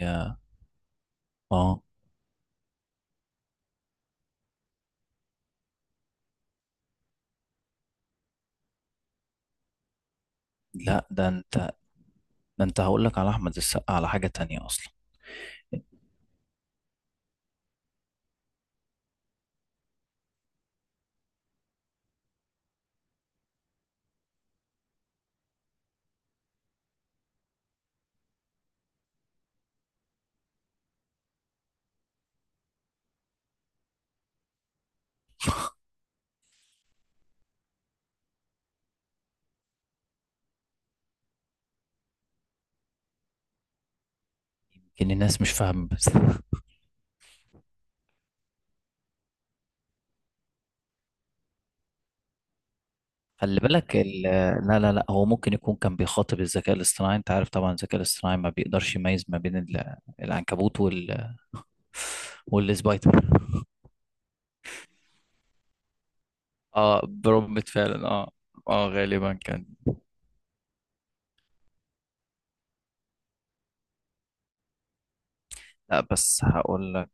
يا اه لا، ده انت هقول لك على احمد السقا على حاجة تانية اصلا. يمكن الناس مش فاهمة بس. خلي بالك لا لا لا، هو ممكن يكون كان بيخاطب الذكاء الاصطناعي. انت عارف طبعا الذكاء الاصطناعي ما بيقدرش يميز ما بين العنكبوت والسبايدر. اه برومبت فعلا، اه. اه غالبا كان. لا بس هقول لك،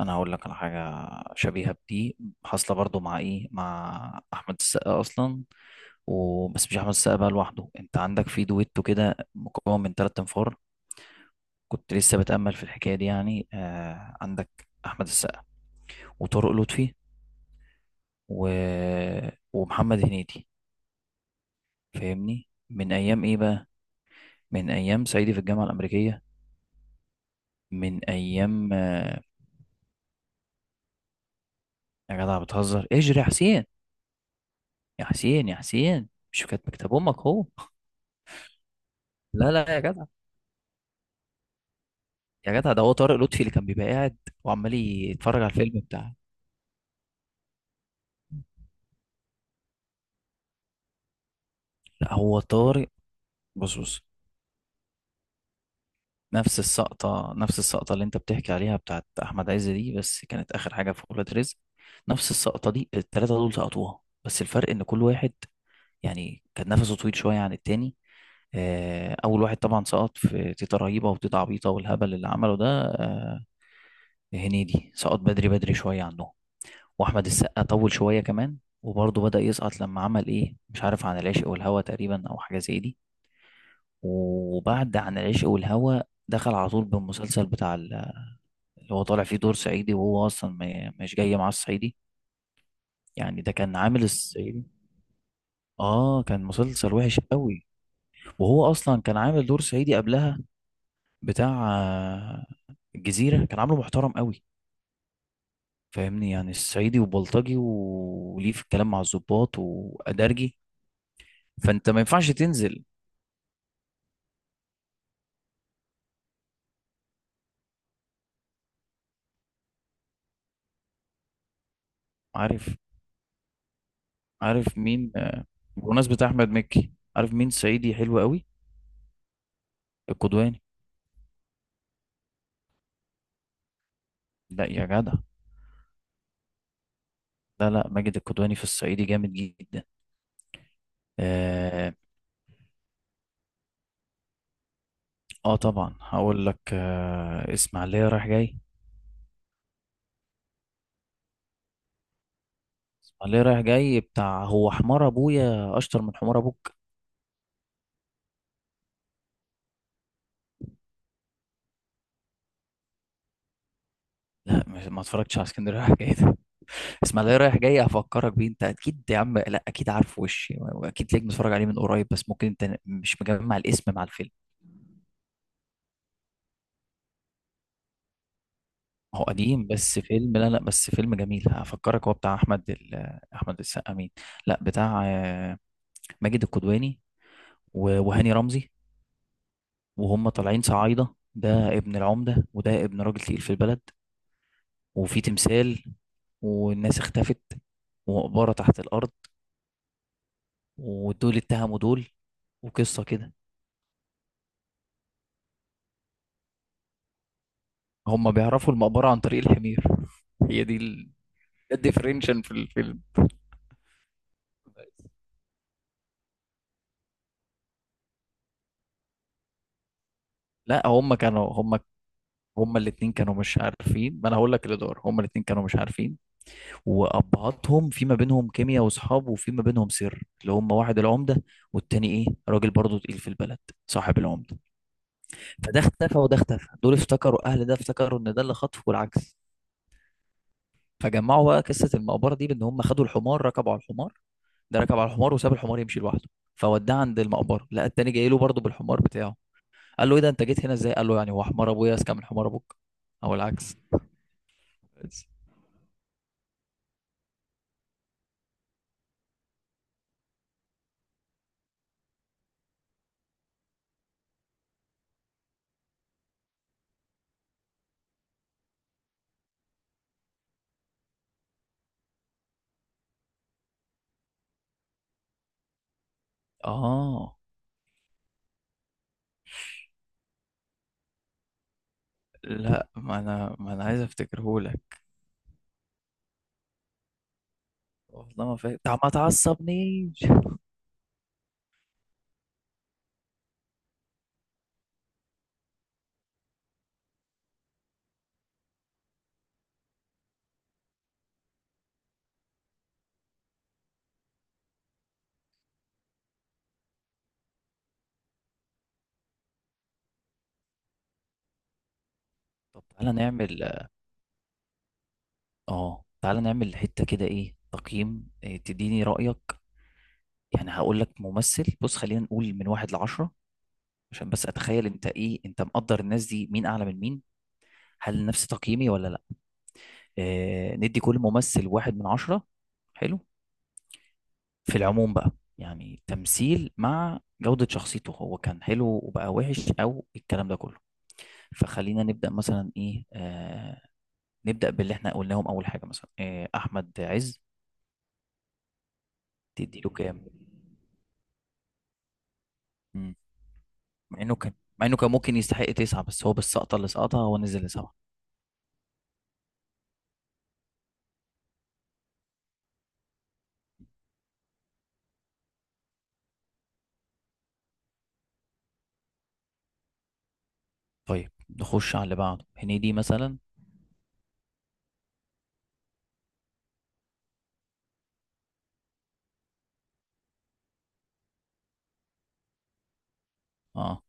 انا هقول لك على حاجه شبيهه بدي، حاصله برضو مع ايه، مع احمد السقا اصلا. وبس مش احمد السقا بقى لوحده، انت عندك في دويتو كده مكون من ثلاث انفار. كنت لسه بتامل في الحكايه دي يعني. آه، عندك احمد السقا وطارق لطفي و... ومحمد هنيدي. فاهمني من ايام ايه بقى؟ من ايام صعيدي في الجامعه الامريكيه، من ايام يا جدع بتهزر، اجري يا حسين. يا حسين يا حسين، مش كانت مكتب امك هو؟ لا لا يا جدع، يا جدع ده هو طارق لطفي اللي كان بيبقى قاعد وعمال يتفرج على الفيلم بتاعه. لا هو طارق. بص بص، نفس السقطة، نفس السقطة اللي انت بتحكي عليها بتاعت أحمد عز دي، بس كانت آخر حاجة في ولاد رزق. نفس السقطة دي التلاتة دول سقطوها. بس الفرق إن كل واحد يعني كان نفسه طويل شوية عن التاني. آه، أول واحد طبعا سقط في تيتا رهيبة وتيتا عبيطة والهبل اللي عمله ده. هنيدي سقط بدري، بدري شوية عنهم. واحمد السقا طول شويه كمان، وبرضه بدأ يسقط لما عمل ايه، مش عارف، عن العشق والهوى تقريبا او حاجه زي دي. وبعد عن العشق والهوى دخل على طول بالمسلسل بتاع اللي هو طالع فيه دور صعيدي، وهو اصلا مش جاي معاه الصعيدي. يعني ده كان عامل الصعيدي. اه كان مسلسل وحش قوي. وهو اصلا كان عامل دور صعيدي قبلها بتاع الجزيره، كان عامله محترم قوي. فاهمني يعني الصعيدي وبلطجي وليه في الكلام مع الضباط وادرجي، فانت ما ينفعش تنزل. عارف، عارف مين بمناسبة أحمد مكي، عارف مين صعيدي حلو قوي؟ القدواني. لا يا جدع، لا لا، ماجد القدواني في الصعيدي جامد جدا. آه, آه طبعا هقول لك. آه، إسماعيلية رايح جاي. إسماعيلية رايح جاي بتاع هو حمار أبويا أشطر من حمار أبوك. لا ما اتفرجتش على اسكندرية رايح جاي ده. إسماعيلية رايح جاي هفكرك بيه أنت أكيد يا عم، لا أكيد عارف وشي وأكيد ليك متفرج عليه من قريب، بس ممكن أنت مش مجمع الاسم مع الفيلم. هو قديم بس فيلم، لا لا، بس فيلم جميل هفكرك. هو بتاع احمد ال... آه، احمد السقا مين؟ لا بتاع ماجد الكدواني وهاني رمزي. وهم طالعين صعايده، ده ابن العمده، وده ابن راجل تقيل في البلد. وفي تمثال، والناس اختفت، ومقبره تحت الارض، ودول اتهموا دول، وقصه كده. هم بيعرفوا المقبره عن طريق الحمير. هي دي ده الديفرنشن في الفيلم. لا هم كانوا هم هما الاتنين كانوا مش عارفين. ما انا هقول لك اللي دار، هما الاتنين كانوا مش عارفين. وابهاتهم في ما بينهم كيمياء واصحاب، وفي ما بينهم سر، اللي هما واحد العمده والتاني ايه، راجل برضه تقيل في البلد صاحب العمده. فده اختفى وده اختفى، دول افتكروا اهل ده افتكروا ان ده اللي خطفه والعكس. فجمعوا بقى قصه المقبره دي، بان هم خدوا الحمار ركبوا على الحمار. ده ركب على الحمار وساب الحمار يمشي لوحده، فوداه عند المقبره، لقى التاني جاي له برضه بالحمار بتاعه. قال له: ايه ده انت جيت هنا ازاي؟ قال له: يعني هو حمار ابويا اذكى من حمار ابوك، او العكس. بس. اه. لا ما انا عايز افتكرهولك. والله ما فاكر، طب ما تعصبنيش. طب تعالى نعمل. حتة كده، ايه تقييم، إيه تديني رأيك. يعني هقول لك ممثل، بص خلينا نقول من واحد لعشرة، عشان بس اتخيل انت ايه، انت مقدر الناس دي مين اعلى من مين، هل نفس تقييمي ولا لا. آه ندي كل ممثل واحد من عشرة. حلو. في العموم بقى، يعني تمثيل مع جودة شخصيته، هو كان حلو وبقى وحش او الكلام ده كله. فخلينا نبدأ مثلا ايه، نبدأ باللي احنا قلناهم اول حاجة، مثلا آه احمد عز. تديله كام؟ مم. مع انه كان مع انه كان ممكن يستحق تسعة، بس هو بالسقطة اللي سقطها هو نزل لسبعة. طيب نخش على اللي بعده، هنيدي مثلا. اه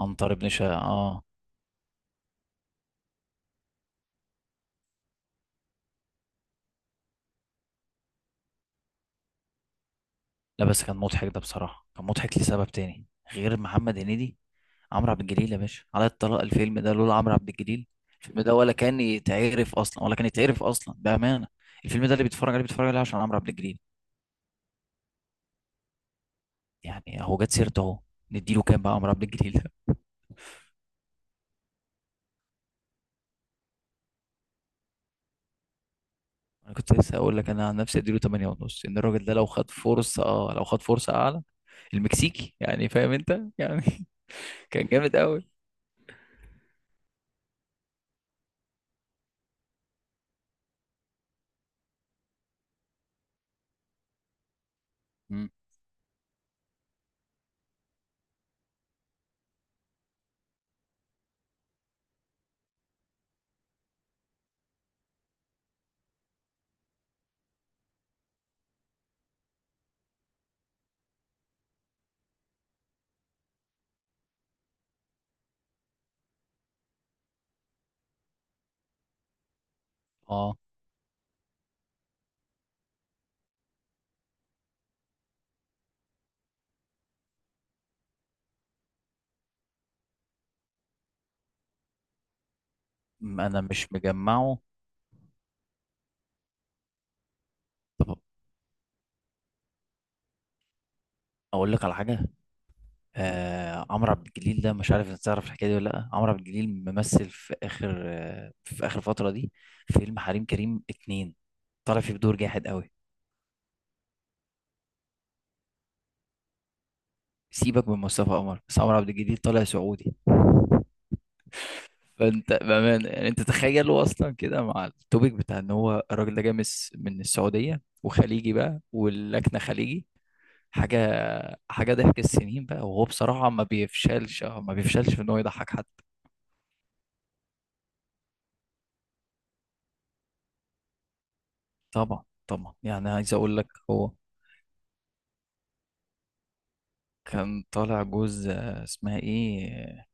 عنتر ابن شقة، اه. لا بس كان مضحك ده بصراحة، كان مضحك لسبب تاني غير محمد هنيدي. عمرو عبد الجليل يا باشا، على الطلاق الفيلم ده لولا عمرو عبد الجليل الفيلم ده ولا كان يتعرف اصلا، ولا كان يتعرف اصلا بأمانة. الفيلم ده اللي بيتفرج عليه بيتفرج عليه عشان عمرو عبد الجليل. يعني هو جت سيرته اهو، نديله كام بقى عمرو عبد الجليل ده؟ انا كنت لسه هقول لك، انا عن نفسي اديله 8 ونص. ان الراجل ده لو خد فرصه، اه لو خد فرصه اعلى، المكسيكي يعني، فاهم انت يعني. كان جامد قوي. مم. اه. انا مش مجمعه. طب اقول لك على حاجه. آه عمرو عبد الجليل ده، مش عارف انت تعرف الحكايه دي ولا لا. عمرو عبد الجليل ممثل في اخر، في اخر فتره دي، فيلم حريم كريم اتنين، طالع فيه بدور جاحد قوي. سيبك من مصطفى قمر، بس عمرو عبد الجليل طالع سعودي. فانت بامانه يعني انت تخيل، هو اصلا كده مع التوبيك بتاع ان هو الراجل ده جاي من من السعوديه، وخليجي بقى واللكنه خليجي. حاجه، ضحك السنين بقى. وهو بصراحه ما بيفشلش في ان هو يضحك حد. طبعا طبعا، يعني عايز اقول لك هو كان طالع جوز اسمها ايه،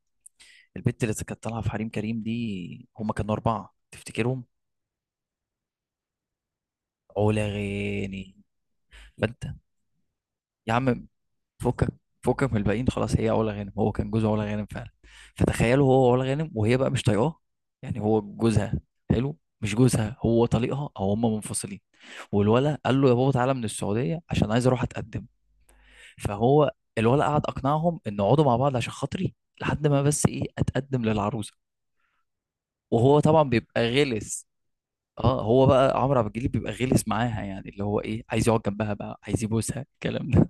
البت اللي كانت طالعه في حريم كريم دي، هما كانوا اربعه تفتكرهم؟ علا غاني. فانت يا عم فكك، فكك من الباقيين خلاص. هي علا غانم، هو كان جوز علا غانم فعلا. فتخيلوا هو وعلا غانم، وهي بقى مش طايقاه. يعني هو جوزها، حلو، مش جوزها، هو طليقها او هما منفصلين. والولا قال له: يا بابا تعالى من السعوديه عشان عايز اروح اتقدم. فهو، الولا قعد اقنعهم ان اقعدوا مع بعض عشان خاطري، لحد ما بس ايه اتقدم للعروسه. وهو طبعا بيبقى غلس. اه هو بقى عمرو عبد الجليل بيبقى غلس معاها، يعني اللي هو ايه عايز يقعد جنبها بقى، عايز يبوسها، الكلام ده.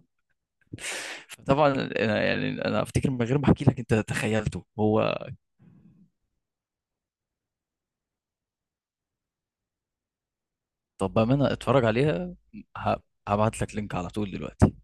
فطبعا يعني انا افتكر من غير ما احكي لك انت تخيلته هو. طب بامانه اتفرج عليها. ه- هبعت لك لينك على طول دلوقتي.